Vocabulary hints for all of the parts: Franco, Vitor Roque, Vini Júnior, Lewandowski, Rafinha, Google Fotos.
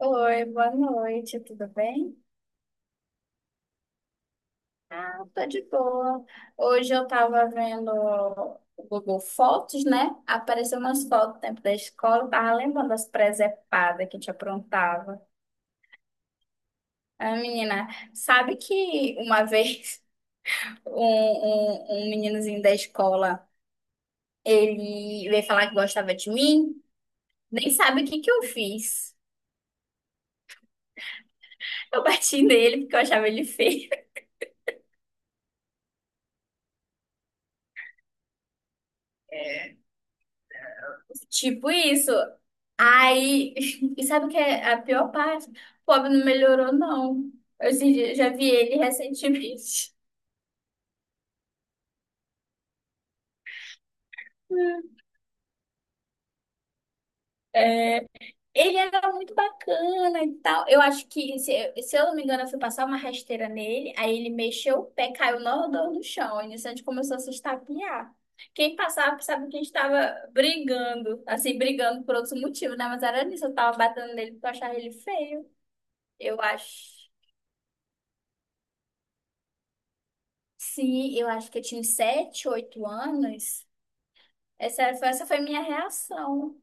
Oi, boa noite, tudo bem? Eu tô de boa. Hoje eu tava vendo o Google Fotos, né? Apareceu umas fotos do tempo da escola, eu tava lembrando das presepadas que a gente aprontava. Ah, menina, sabe que uma vez um meninozinho da escola, ele veio falar que gostava de mim? Nem sabe o que que eu fiz. Eu bati nele porque eu achava ele feio. Tipo isso. Aí, e sabe o que é a pior parte? O pobre não melhorou, não. Eu já já vi ele recentemente. É, ele era muito bacana e tal. Eu acho que, se eu não me engano, eu fui passar uma rasteira nele, aí ele mexeu o pé, caiu no chão. E nisso a gente começou a se estapear. Quem passava sabe que a gente estava brigando, assim, brigando por outro motivo, né? Mas era nisso, eu tava batendo nele porque eu achava ele feio. Eu acho. Sim, eu acho que eu tinha uns sete, oito anos. Essa foi minha reação.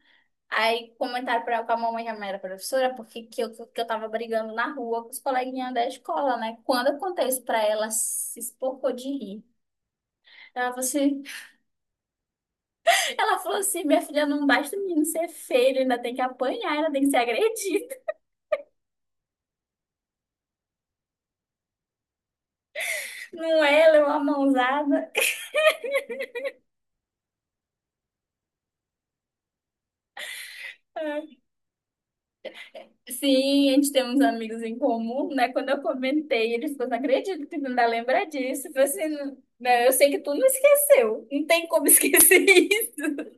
Aí comentaram pra, com a mamãe, que a mãe era professora, porque que eu tava brigando na rua com os coleguinhas da escola, né? Quando eu contei isso pra ela, ela se espocou de rir. Ela falou assim, ela falou assim, minha filha, não basta o menino ser feio, ele ainda tem que apanhar, ainda tem que ser agredido. Não é, ela é uma mãozada. Sim, a gente tem uns amigos em comum, né? Quando eu comentei, ele ficou, não acredito que tu ainda lembra disso. Eu falei assim, "Não, né, eu sei que tu não esqueceu. Não tem como esquecer isso.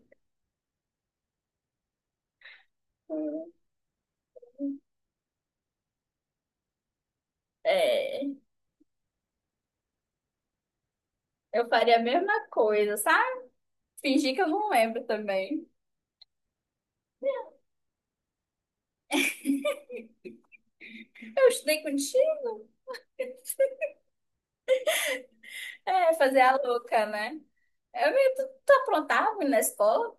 É, eu faria a mesma coisa, sabe? Fingir que eu não lembro também. Eu estudei contigo. É, fazer a louca, né? Tu aprontava na escola?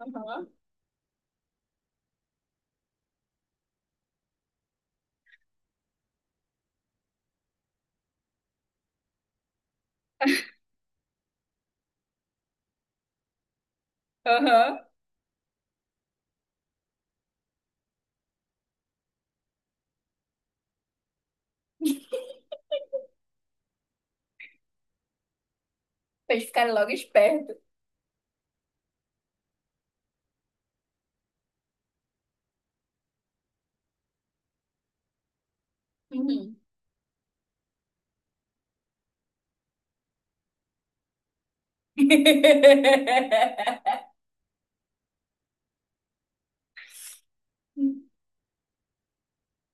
Aham. Aham. Pra eles ficarem logo espertos. Uhum.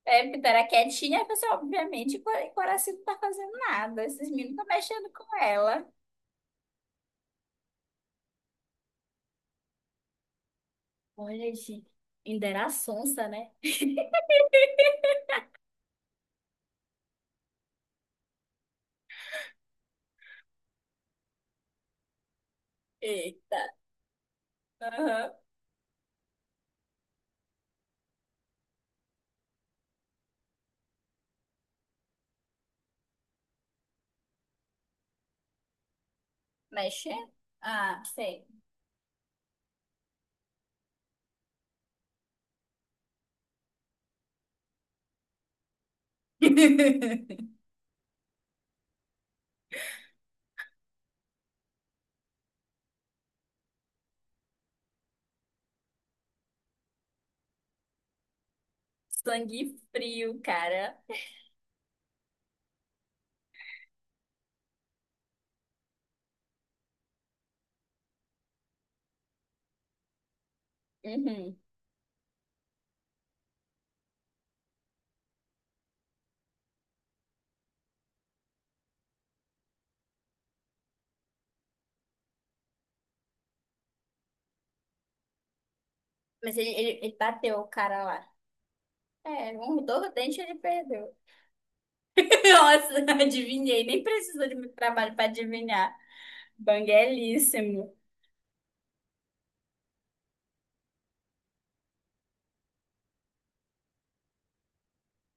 É, porque era quietinha, a pessoa, obviamente, o coração não tá fazendo nada. Esses meninos estão mexendo com ela. Olha, gente, ainda era sonsa, né? Eita. Aham. Mexe? Ah, sei. Sangue frio, cara. Uhum. Mas ele bateu o cara lá. É, um dor dente e ele perdeu. Nossa, adivinhei. Nem precisou de muito trabalho pra adivinhar. Banguelíssimo.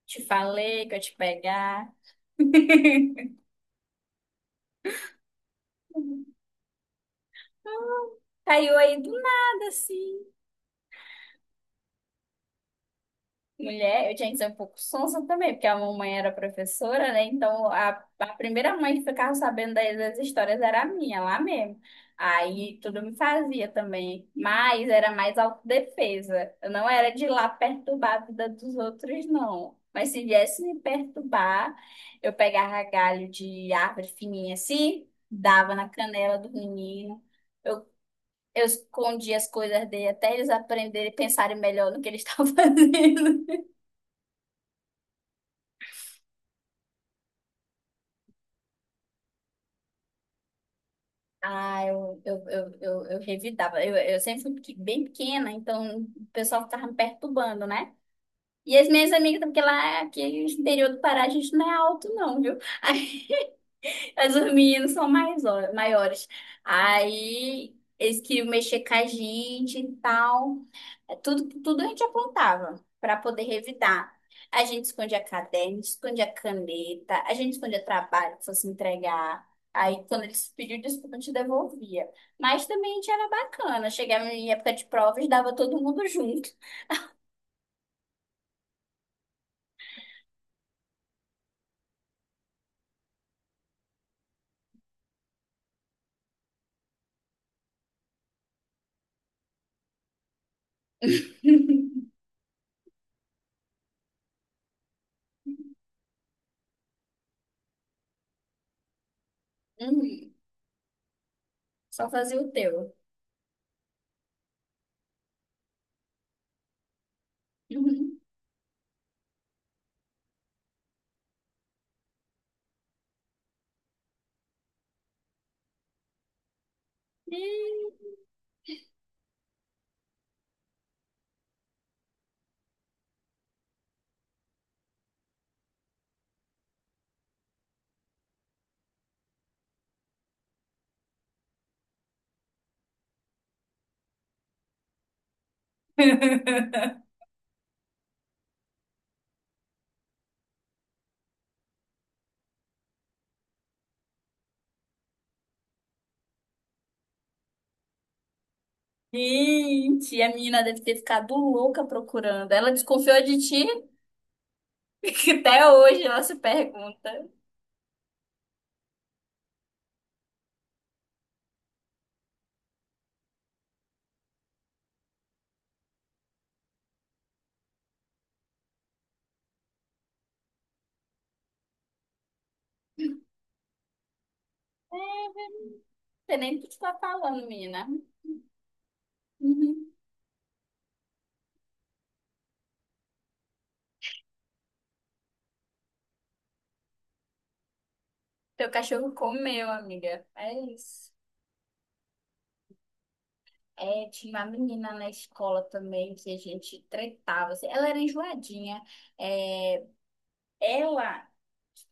Te falei que eu ia te pegar. Caiu aí do nada, assim. Mulher, eu tinha que ser um pouco sonsa também, porque a mamãe era professora, né? Então, a primeira mãe que ficava sabendo das, das histórias era a minha, lá mesmo. Aí, tudo me fazia também. Mas era mais autodefesa. Eu não era de ir lá perturbar a vida dos outros, não. Mas se viesse me perturbar, eu pegava galho de árvore fininha assim, dava na canela do menino. Eu Eu escondi as coisas dele até eles aprenderem e pensarem melhor no que eles estavam fazendo. Ah, eu revidava. Eu sempre fui bem pequena, então o pessoal ficava me perturbando, né? E as minhas amigas, porque lá aqui no interior do Pará a gente não é alto, não, viu? As os são mais, maiores. Aí eles queriam mexer com a gente e tal. É, Tudo a gente apontava para poder revidar. A gente escondia caderno, escondia caneta, a gente escondia trabalho que fosse entregar. Aí, quando eles pediam desculpa, a gente devolvia. Mas também a gente era bacana. Chegava em época de provas, dava todo mundo junto. Uhum. Só fazia o teu. Uhum. Gente, a menina deve ter ficado louca procurando. Ela desconfiou de ti, que até hoje ela se pergunta. Não sei nem o que tu tá falando, menina. Uhum. Teu cachorro comeu, amiga. É isso. É, tinha uma menina na escola também que a gente tretava. Assim. Ela era enjoadinha. É, ela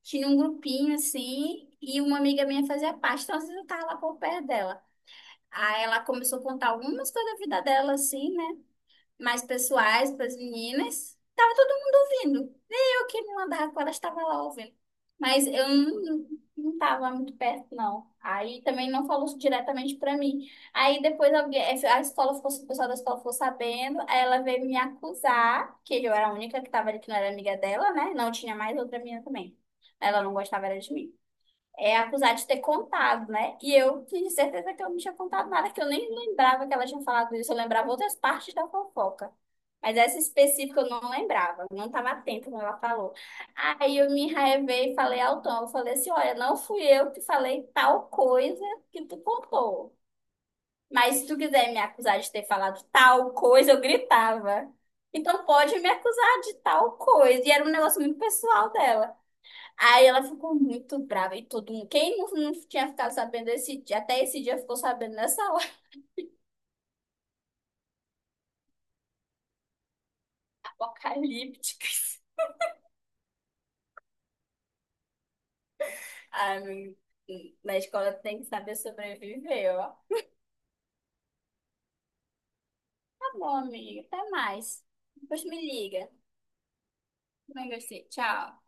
tinha um grupinho assim, e uma amiga minha fazia parte, então às vezes eu tava lá por perto dela. Aí ela começou a contar algumas coisas da vida dela, assim, né? Mais pessoais para as meninas. Tava todo mundo ouvindo. Nem eu que me mandava com elas estava lá ouvindo. Mas eu não tava muito perto, não. Aí também não falou diretamente para mim. Aí depois alguém, a escola ficou, o pessoal da escola ficou sabendo, aí ela veio me acusar, que eu era a única que tava ali que não era amiga dela, né? Não tinha mais outra menina também. Ela não gostava era de mim é acusar de ter contado, né? E eu tinha certeza que eu não tinha contado nada, que eu nem lembrava que ela tinha falado isso. Eu lembrava outras partes da fofoca. Mas essa específica eu não lembrava, eu não estava atenta quando ela falou. Aí eu me enraivei e falei ao Tom, eu falei assim, olha, não fui eu que falei tal coisa que tu contou. Mas se tu quiser me acusar de ter falado tal coisa, eu gritava. Então pode me acusar de tal coisa. E era um negócio muito pessoal dela. Aí ela ficou muito brava e todo mundo. Quem não tinha ficado sabendo esse dia, até esse dia ficou sabendo nessa hora apocalíptica. Ai, meu- Na escola tem que saber sobreviver, ó. Tá bom, amiga. Até mais. Depois me liga. Também gostei. Tchau.